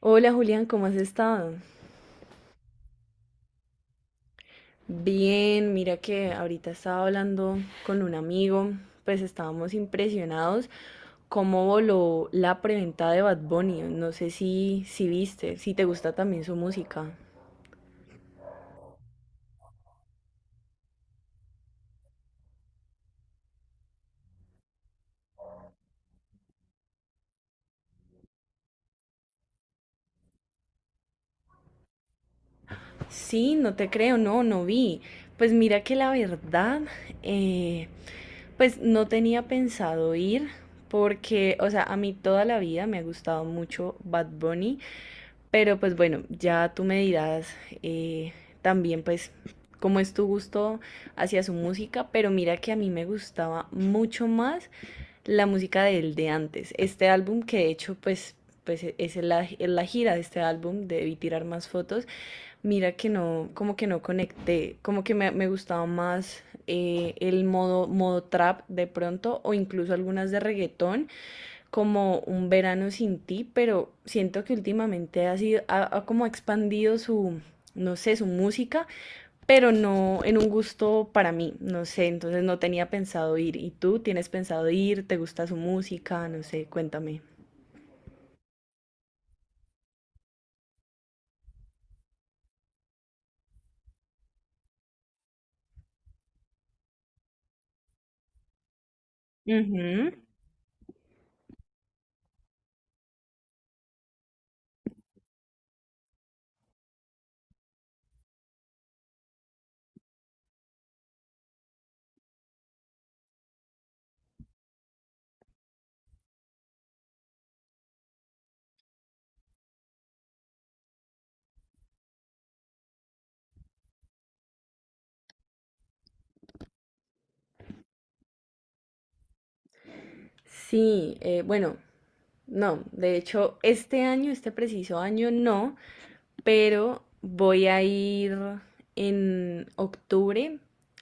Hola Julián, ¿cómo has estado? Bien, mira que ahorita estaba hablando con un amigo, pues estábamos impresionados cómo voló la preventa de Bad Bunny. No sé si viste, si te gusta también su música. Sí, no te creo, no, no vi. Pues mira que la verdad, eh, pues no tenía pensado ir porque, o sea, a mí toda la vida me ha gustado mucho Bad Bunny, pero pues bueno, ya tú me dirás, eh, también pues cómo es tu gusto hacia su música, pero mira que a mí me gustaba mucho más la música del de antes. Este álbum que de hecho pues, es la, en la gira de este álbum, debí tirar más fotos. Mira que no, como que no conecté, como que me gustaba más, el modo trap de pronto o incluso algunas de reggaetón como un verano sin ti, pero siento que últimamente ha sido, ha como expandido su, no sé, su música, pero no en un gusto para mí, no sé, entonces no tenía pensado ir. ¿Y tú tienes pensado ir? ¿Te gusta su música? No sé, cuéntame. Ujú. Sí, bueno, no, de hecho, este año, este preciso año, no, pero voy a ir en octubre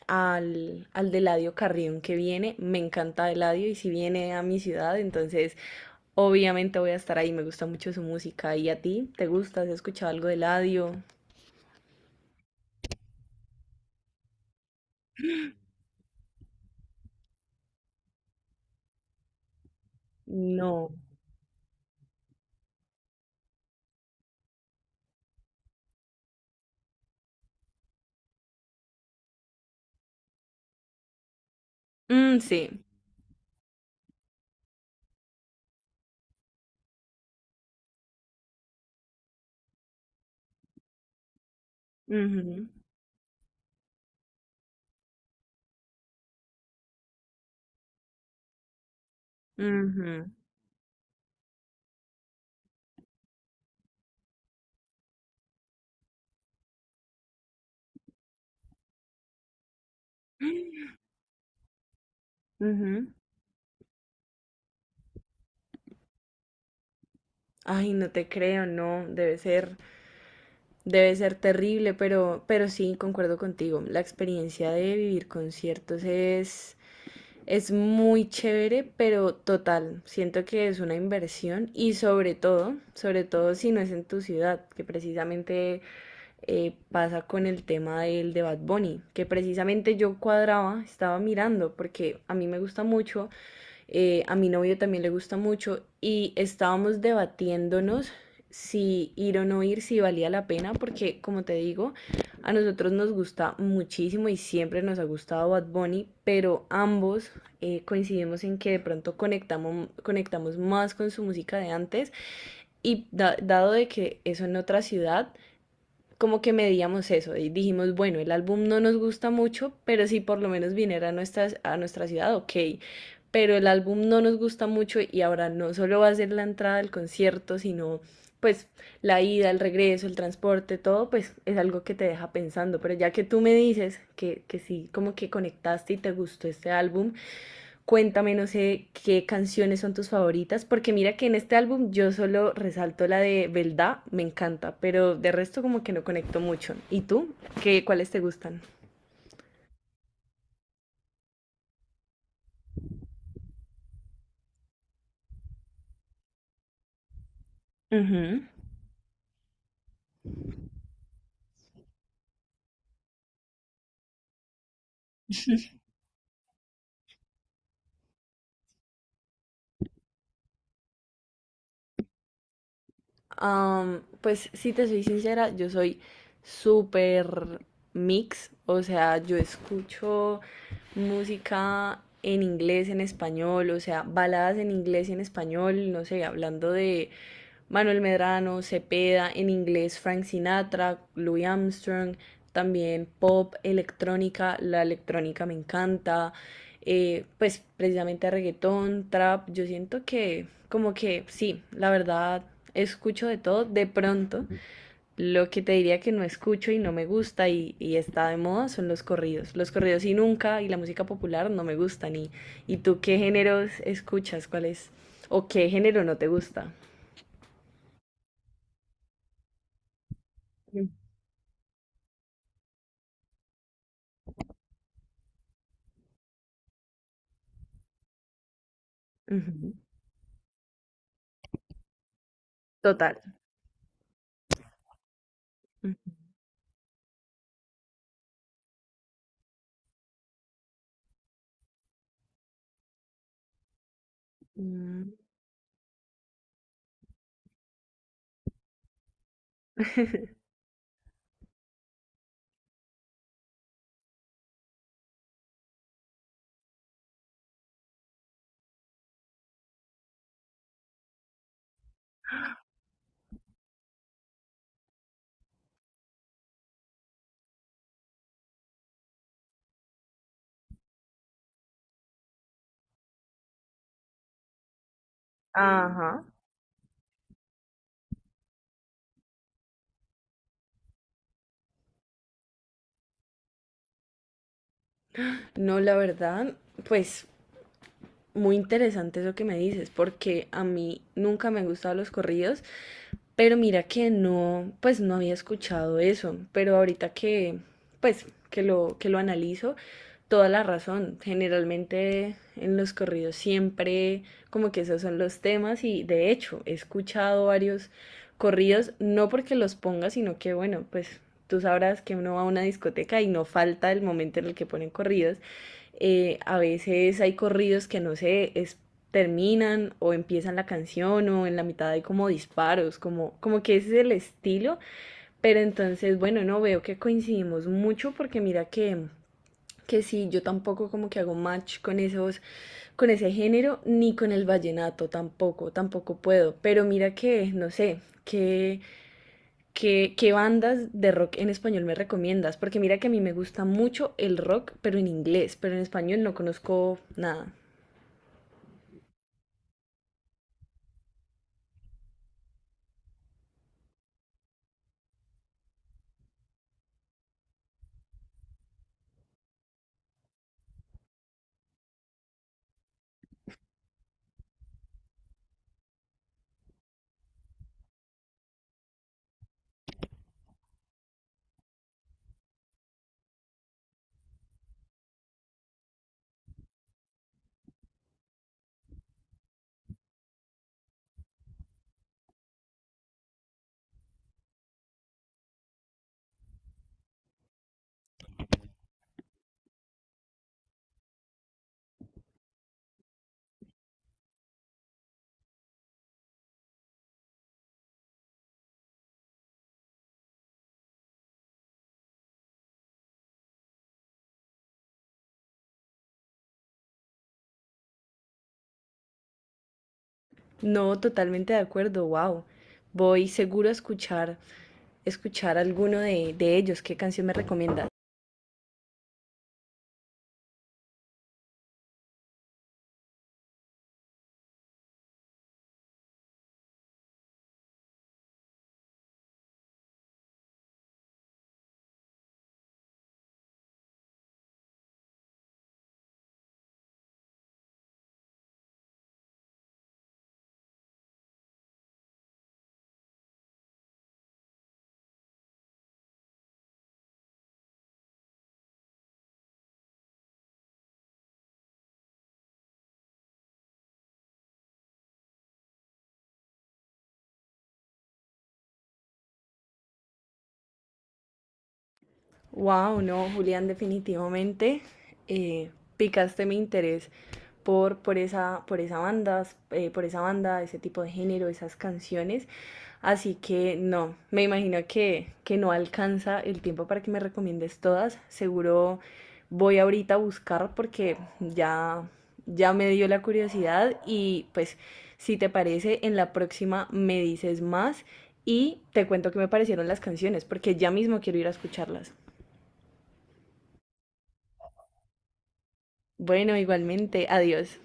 al de Eladio Carrión que viene. Me encanta Eladio y si viene a mi ciudad, entonces obviamente voy a estar ahí. Me gusta mucho su música. ¿Y a ti? ¿Te gusta? ¿Has escuchado algo de Eladio? No. Mm, sí. Ujú, ujú, ujú. Ay, no te creo, no, debe ser terrible, pero sí, concuerdo contigo. La experiencia de vivir conciertos es muy chévere, pero total, siento que es una inversión y sobre todo si no es en tu ciudad, que precisamente, pasa con el tema del de Bad Bunny, que precisamente yo cuadraba, estaba mirando, porque a mí me gusta mucho, a mi novio también le gusta mucho y estábamos debatiéndonos si ir o no ir, si valía la pena, porque como te digo, a nosotros nos gusta muchísimo y siempre nos ha gustado Bad Bunny, pero ambos, coincidimos en que de pronto conectamos, conectamos más con su música de antes y dado de que eso en otra ciudad, como que medíamos eso y dijimos, bueno, el álbum no nos gusta mucho, pero si por lo menos viniera a nuestra ciudad, ok. Pero el álbum no nos gusta mucho y ahora no solo va a ser la entrada al concierto, sino pues la ida, el regreso, el transporte, todo, pues es algo que te deja pensando. Pero ya que tú me dices que sí, como que conectaste y te gustó este álbum, cuéntame, no sé qué canciones son tus favoritas, porque mira que en este álbum yo solo resalto la de Belda, me encanta, pero de resto como que no conecto mucho. ¿Y tú? ¿Qué, cuáles te gustan? Ujú. Am, pues si te soy sincera, yo soy súper mix, o sea, yo escucho música en inglés, en español, o sea, baladas en inglés y en español, no sé, hablando de Manuel Medrano, Cepeda, en inglés Frank Sinatra, Louis Armstrong, también pop, electrónica, la electrónica me encanta, pues precisamente reggaetón, trap, yo siento que como que sí, la verdad escucho de todo, de pronto lo que te diría que no escucho y no me gusta y está de moda son los corridos y nunca y la música popular no me gustan. Y tú qué géneros escuchas, cuál es o qué género no te gusta. Ujú, total. Ujú. Ajá. No, la verdad, pues muy interesante eso que me dices, porque a mí nunca me han gustado los corridos. Pero mira que no, pues no había escuchado eso, pero ahorita pues, que lo analizo, toda la razón. Generalmente en los corridos siempre como que esos son los temas y de hecho he escuchado varios corridos, no porque los ponga, sino que bueno, pues tú sabrás que uno va a una discoteca y no falta el momento en el que ponen corridos, a veces hay corridos que no sé, terminan o empiezan la canción o en la mitad hay como disparos, como, como que ese es el estilo. Pero entonces, bueno, no veo que coincidimos mucho porque mira que sí, yo tampoco como que hago match con esos, con ese género, ni con el vallenato tampoco, tampoco puedo. Pero mira que, no sé, que ¿qué, qué bandas de rock en español me recomiendas? Porque mira que a mí me gusta mucho el rock, pero en inglés, pero en español no conozco nada. No, totalmente de acuerdo, wow. Voy seguro a escuchar, escuchar alguno de ellos. ¿Qué canción me recomiendas? Wow, no, Julián, definitivamente, eh, picaste mi interés por, por esa, por esa banda, por esa banda, ese tipo de género, esas canciones. Así que no, me imagino que no alcanza el tiempo para que me recomiendes todas. Seguro voy ahorita a buscar porque ya, ya me dio la curiosidad y pues si te parece, en la próxima me dices más y te cuento qué me parecieron las canciones porque ya mismo quiero ir a escucharlas. Bueno, igualmente, adiós.